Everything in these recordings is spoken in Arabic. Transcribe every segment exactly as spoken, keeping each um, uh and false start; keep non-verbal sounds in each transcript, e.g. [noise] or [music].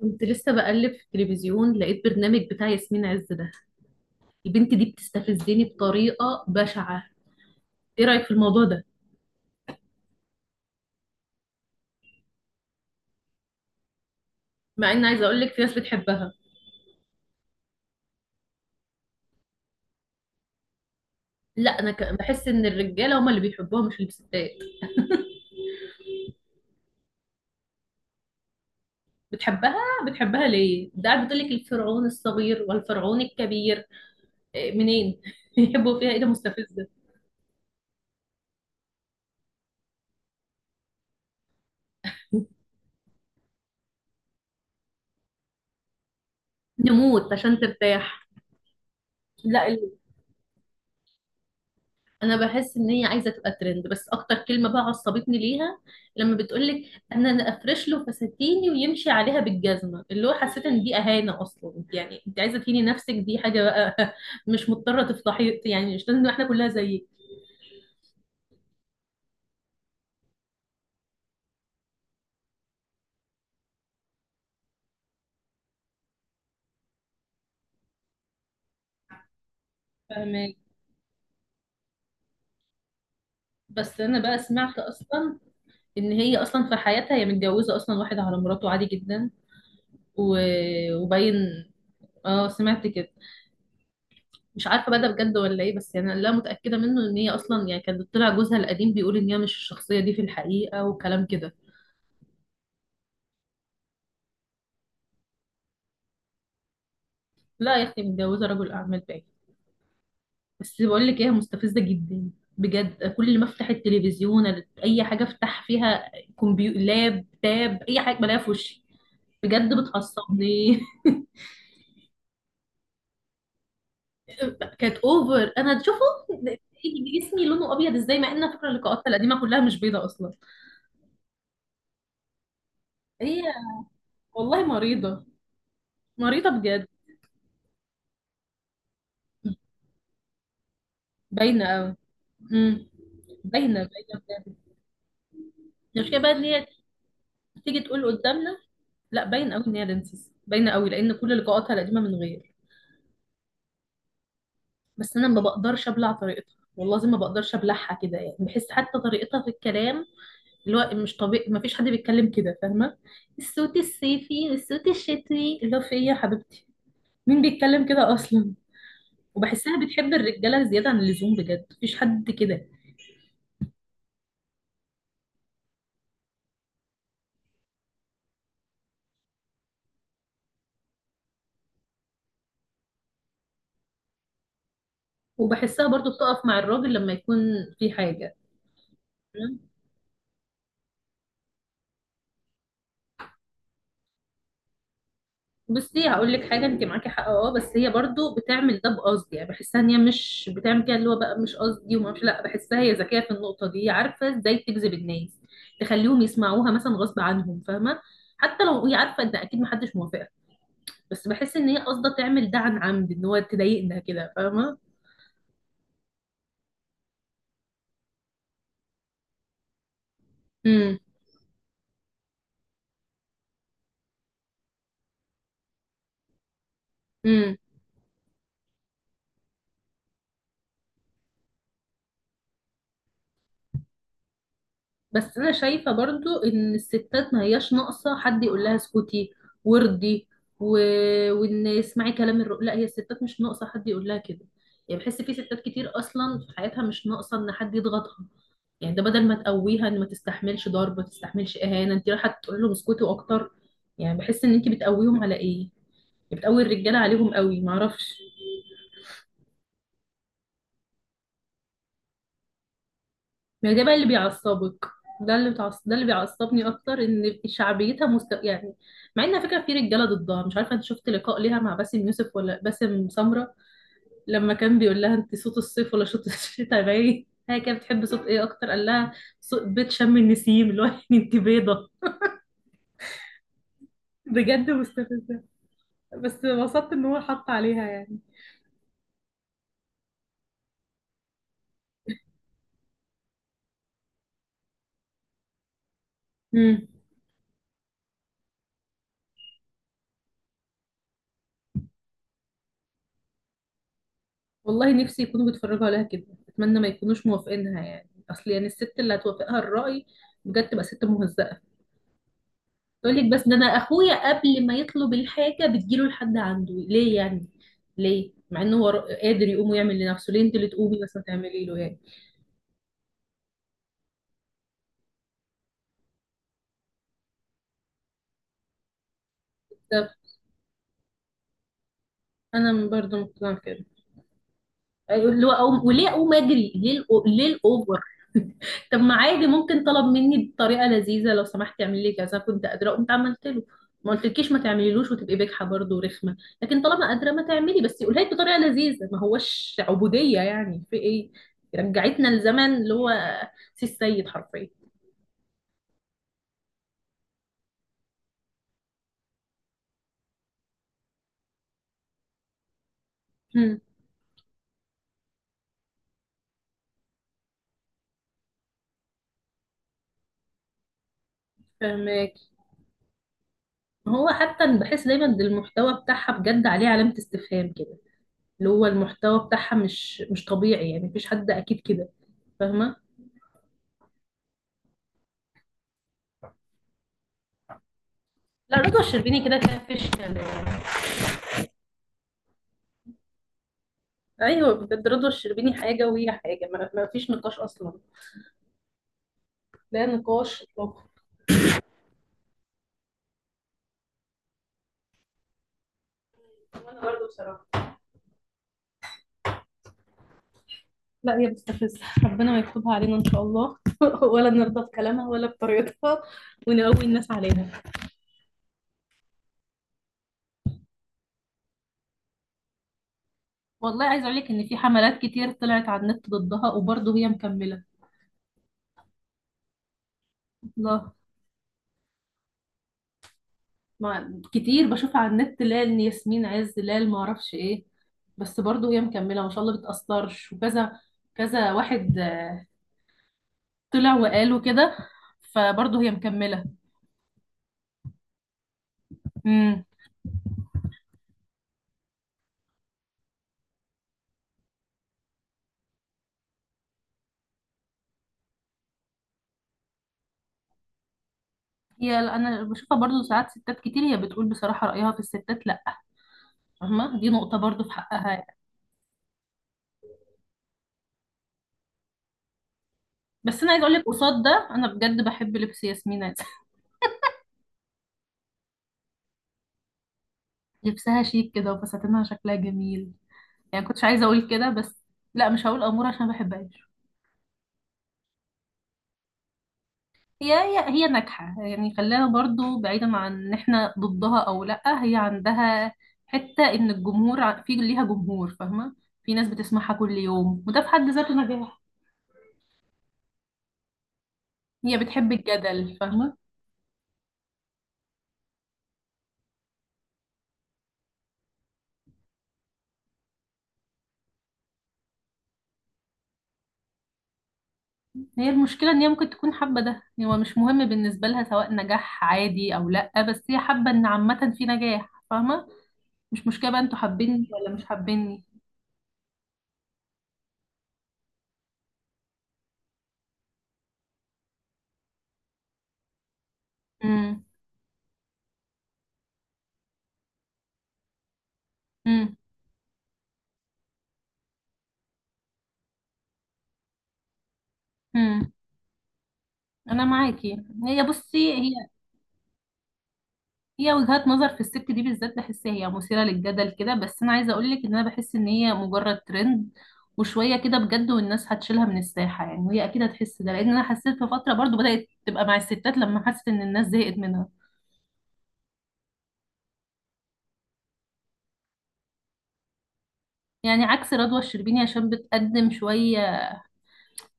كنت لسه بقلب في التلفزيون، لقيت برنامج بتاع ياسمين عز ده. البنت دي بتستفزني بطريقة بشعة. ايه رأيك في الموضوع ده؟ مع ان عايزة اقول لك في ناس بتحبها. لا، انا ك- بحس ان الرجالة هما اللي بيحبوها مش الستات. بتحبها، بتحبها ليه؟ ده قاعد بتقول لك الفرعون الصغير والفرعون الكبير. إيه، منين [laughs] يحبوا فيها ايه؟ ده مستفزة. نموت عشان ترتاح. لا، انا بحس ان هي عايزه تبقى ترند، بس اكتر كلمه بقى عصبتني ليها لما بتقولك انا انا افرش له فساتيني ويمشي عليها بالجزمه، اللي هو حسيت ان دي اهانه. اصلا انت، يعني انت عايزه تهيني نفسك؟ دي حاجه بقى [laughs] مش مضطره تفضحي، يعني مش لازم احنا كلها زيك. فاهمك. بس انا بقى سمعت اصلا ان هي اصلا في حياتها هي متجوزه اصلا واحد على مراته عادي جدا و... وباين. اه سمعت كده. مش عارفه بقى ده بجد ولا ايه، بس يعني لا متاكده منه ان هي اصلا، يعني كان طلع جوزها القديم بيقول ان هي مش الشخصيه دي في الحقيقه، وكلام كده. لا يا اختي، متجوزه رجل اعمال باين. بس بقول لك ايه، هي مستفزه جدا بجد. كل ما افتح التلفزيون، اي حاجه افتح فيها، كمبيو، لاب تاب، اي حاجه بلاقيها في وشي. بجد بتعصبني. [laughs] كانت اوفر. انا تشوفه جسمي لونه ابيض ازاي؟ مع ان أنا فاكره اللقاءات القديمه كلها مش بيضه اصلا. هي والله مريضه. مريضه بجد. باينه قوي. امم باينه، باينه. بجد الغيره بقى ان هي تيجي تقول قدامنا. لا باينه قوي ان هي دنسيس، باينه قوي لان كل لقاءاتها القديمه من غير. بس انا ما بقدرش ابلع طريقتها، والله العظيم ما بقدرش ابلعها كده، يعني بحس حتى طريقتها في الكلام اللي هو مش طبيعي. ما فيش حد بيتكلم كده، فاهمه؟ الصوت الصيفي والصوت الشتوي، اللي هو في ايه يا حبيبتي؟ مين بيتكلم كده اصلا؟ وبحسها بتحب الرجاله زياده عن اللزوم بجد، مفيش حد كده. وبحسها برضو بتقف مع الراجل لما يكون في حاجه. بصي هقول لك حاجه، انت معاكي حق، اه، بس هي برضو بتعمل ده بقصد. يعني بحسها ان هي مش بتعمل كده، اللي هو بقى مش قصدي وما مش، لا بحسها هي ذكيه في النقطه دي، عارفه ازاي تجذب الناس، تخليهم يسمعوها مثلا غصب عنهم، فاهمه؟ حتى لو هي عارفه ان اكيد محدش موافقك، بس بحس ان هي قصده تعمل ده عن عمد، ان هو تضايقنا كده، فاهمه؟ امم امم. بس انا شايفه برضو ان الستات ما هياش ناقصه حد يقول لها اسكتي وردي و... وان اسمعي كلام الرجل. لا هي الستات مش ناقصه حد يقول لها كده. يعني بحس في ستات كتير اصلا في حياتها مش ناقصه ان حد يضغطها. يعني ده بدل ما تقويها ان ما تستحملش ضرب، ما تستحملش اهانه، انت رايحه تقول لهم اسكتوا اكتر. يعني بحس ان انت بتقويهم على ايه، بتقوي الرجاله عليهم قوي، ما اعرفش. ما ده بقى اللي بيعصبك. ده اللي بتعص... ده اللي بيعصبني اكتر، ان شعبيتها مست... يعني. مع ان على فكره في رجاله ضدها. مش عارفه انت شفت لقاء ليها مع باسم يوسف ولا باسم سمره لما كان بيقول لها انت صوت الصيف ولا صوت [laughs] الشتاء؟ باين هي كانت بتحب صوت ايه اكتر، قال لها صوت بيت شم النسيم، اللي هو [laughs] يعني انت بيضه. بجد مستفزه. بس انبسطت ان هو حط عليها يعني. امم والله نفسي يكونوا بيتفرجوا عليها كده. اتمنى ما يكونوش موافقينها يعني، اصل يعني الست اللي هتوافقها الرأي بجد تبقى ست مهزأة. يقول لك بس ده انا اخويا قبل ما يطلب الحاجه بتجيله لحد عنده ليه يعني؟ ليه مع انه هو قادر يقوم ويعمل لنفسه، ليه انت اللي تقومي بس ما تعملي له يعني؟ طب انا برضه مقتنعه كده. أيوة، اللي هو أقوم- وليه اقوم اجري؟ ليه الأو- ليه الاوفر؟ [laughs] طب ما عادي ممكن طلب مني بطريقه لذيذه، لو سمحت تعمل لي كذا، كنت قادره قمت عملت له. ما قلتلكيش ما تعمليلوش وتبقي بجحه برضه ورخمه، لكن طالما قادره ما تعملي، بس قولها لي بطريقه لذيذه، ما هوش عبوديه يعني. في ايه، رجعتنا لزمن اللي هو سي السيد حرفيا. هم، فهماك. هو حتى بحس دايما إن المحتوى بتاعها بجد عليه علامه استفهام كده، اللي هو المحتوى بتاعها مش مش طبيعي. يعني مفيش حد اكيد كده، فاهمه؟ لا رضوى الشربيني كده كده مفيش كلام. ايوه بجد رضوى الشربيني حاجه وهي حاجه، ما ما فيش نقاش اصلا. لا نقاش اطلاقا. وانا برضه بصراحه. لا هي بتستفز، ربنا ما يكتبها علينا ان شاء الله [laughs] ولا نرضى بكلامها ولا بطريقتها، ونقوي الناس عليها. والله عايز اقول لك ان في حملات كتير طلعت على النت ضدها، وبرضه هي مكمله. الله، ما كتير بشوفها على النت، لا ياسمين عز لا ما اعرفش ايه، بس برضه هي مكمله ما شاء الله، بتأثرش، وكذا كذا واحد طلع وقال وكده، فبرضه هي مكملة. امم هي انا بشوفها برضه ساعات ستات كتير، هي بتقول بصراحة رأيها في الستات، لا فاهمة دي نقطة برضه في حقها يعني. بس انا عايزة اقول لك قصاد ده، انا بجد بحب لبس ياسمين عز. [laughs] لبسها شيك كده وفساتينها شكلها جميل. يعني كنتش عايزة اقول كده بس، لا مش هقول امور عشان ما بحبهاش. هي هي هي ناجحة يعني، خلاها برضو بعيدا عن ان احنا ضدها او لأ، هي عندها حتة ان الجمهور ع- في ليها جمهور، فاهمة؟ في ناس بتسمعها كل يوم وده في حد ذاته نجاح. هي بتحب الجدل، فاهمة؟ هي المشكلة ان هي ممكن تكون حابة ده، يعني هو مش مهم بالنسبة لها سواء نجاح عادي او لأ، بس هي حابة ان عامة في نجاح، فاهمة؟ مش مشكلة بقى انتوا حابيني ولا مش حابيني. امم امم امم انا معاكي. هي بصي، هي وجهات نظر في الست دي بالذات بحسها هي مثيرة للجدل كده، بس انا عايزة اقولك ان انا بحس ان هي مجرد ترند وشوية كده بجد، والناس هتشيلها من الساحة يعني، وهي اكيد هتحس ده، لان انا حسيت في فترة برضو بدأت تبقى مع الستات لما حست ان الناس زهقت منها. يعني عكس رضوى الشربيني عشان بتقدم شوية،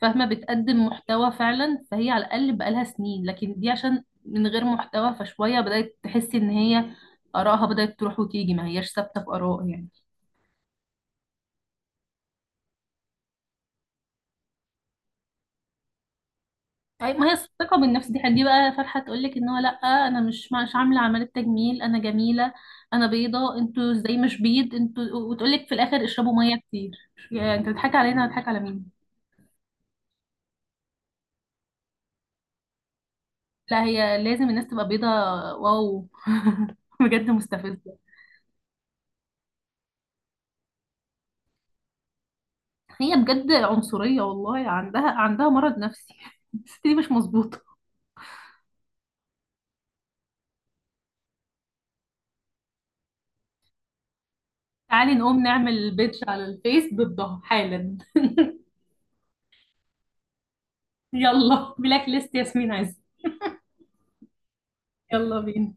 فاهمة؟ بتقدم محتوى فعلا، فهي على الاقل بقالها سنين. لكن دي عشان من غير محتوى، فشوية بدأت تحس ان هي آرائها بدأت تروح وتيجي، ما هياش ثابتة في آراء يعني. أي ما هي الثقة بالنفس دي دي بقى فرحة تقولك ان هو لأ، انا مش مش عاملة عملية تجميل، انا جميلة، انا بيضة، انتوا ازاي مش بيض انتوا؟ وتقولك في الاخر اشربوا مية كتير. يعني انت بتضحك علينا؟ هتضحك على مين؟ لا هي لازم الناس تبقى بيضة، واو. [laughs] بجد مستفزة. هي بجد عنصرية، والله عندها عندها مرض نفسي [laughs] الست دي مش مظبوطة. تعالي نقوم نعمل بيدج على الفيس ضدها حالا. يلا بلاك ليست ياسمين عز. يلا بينا.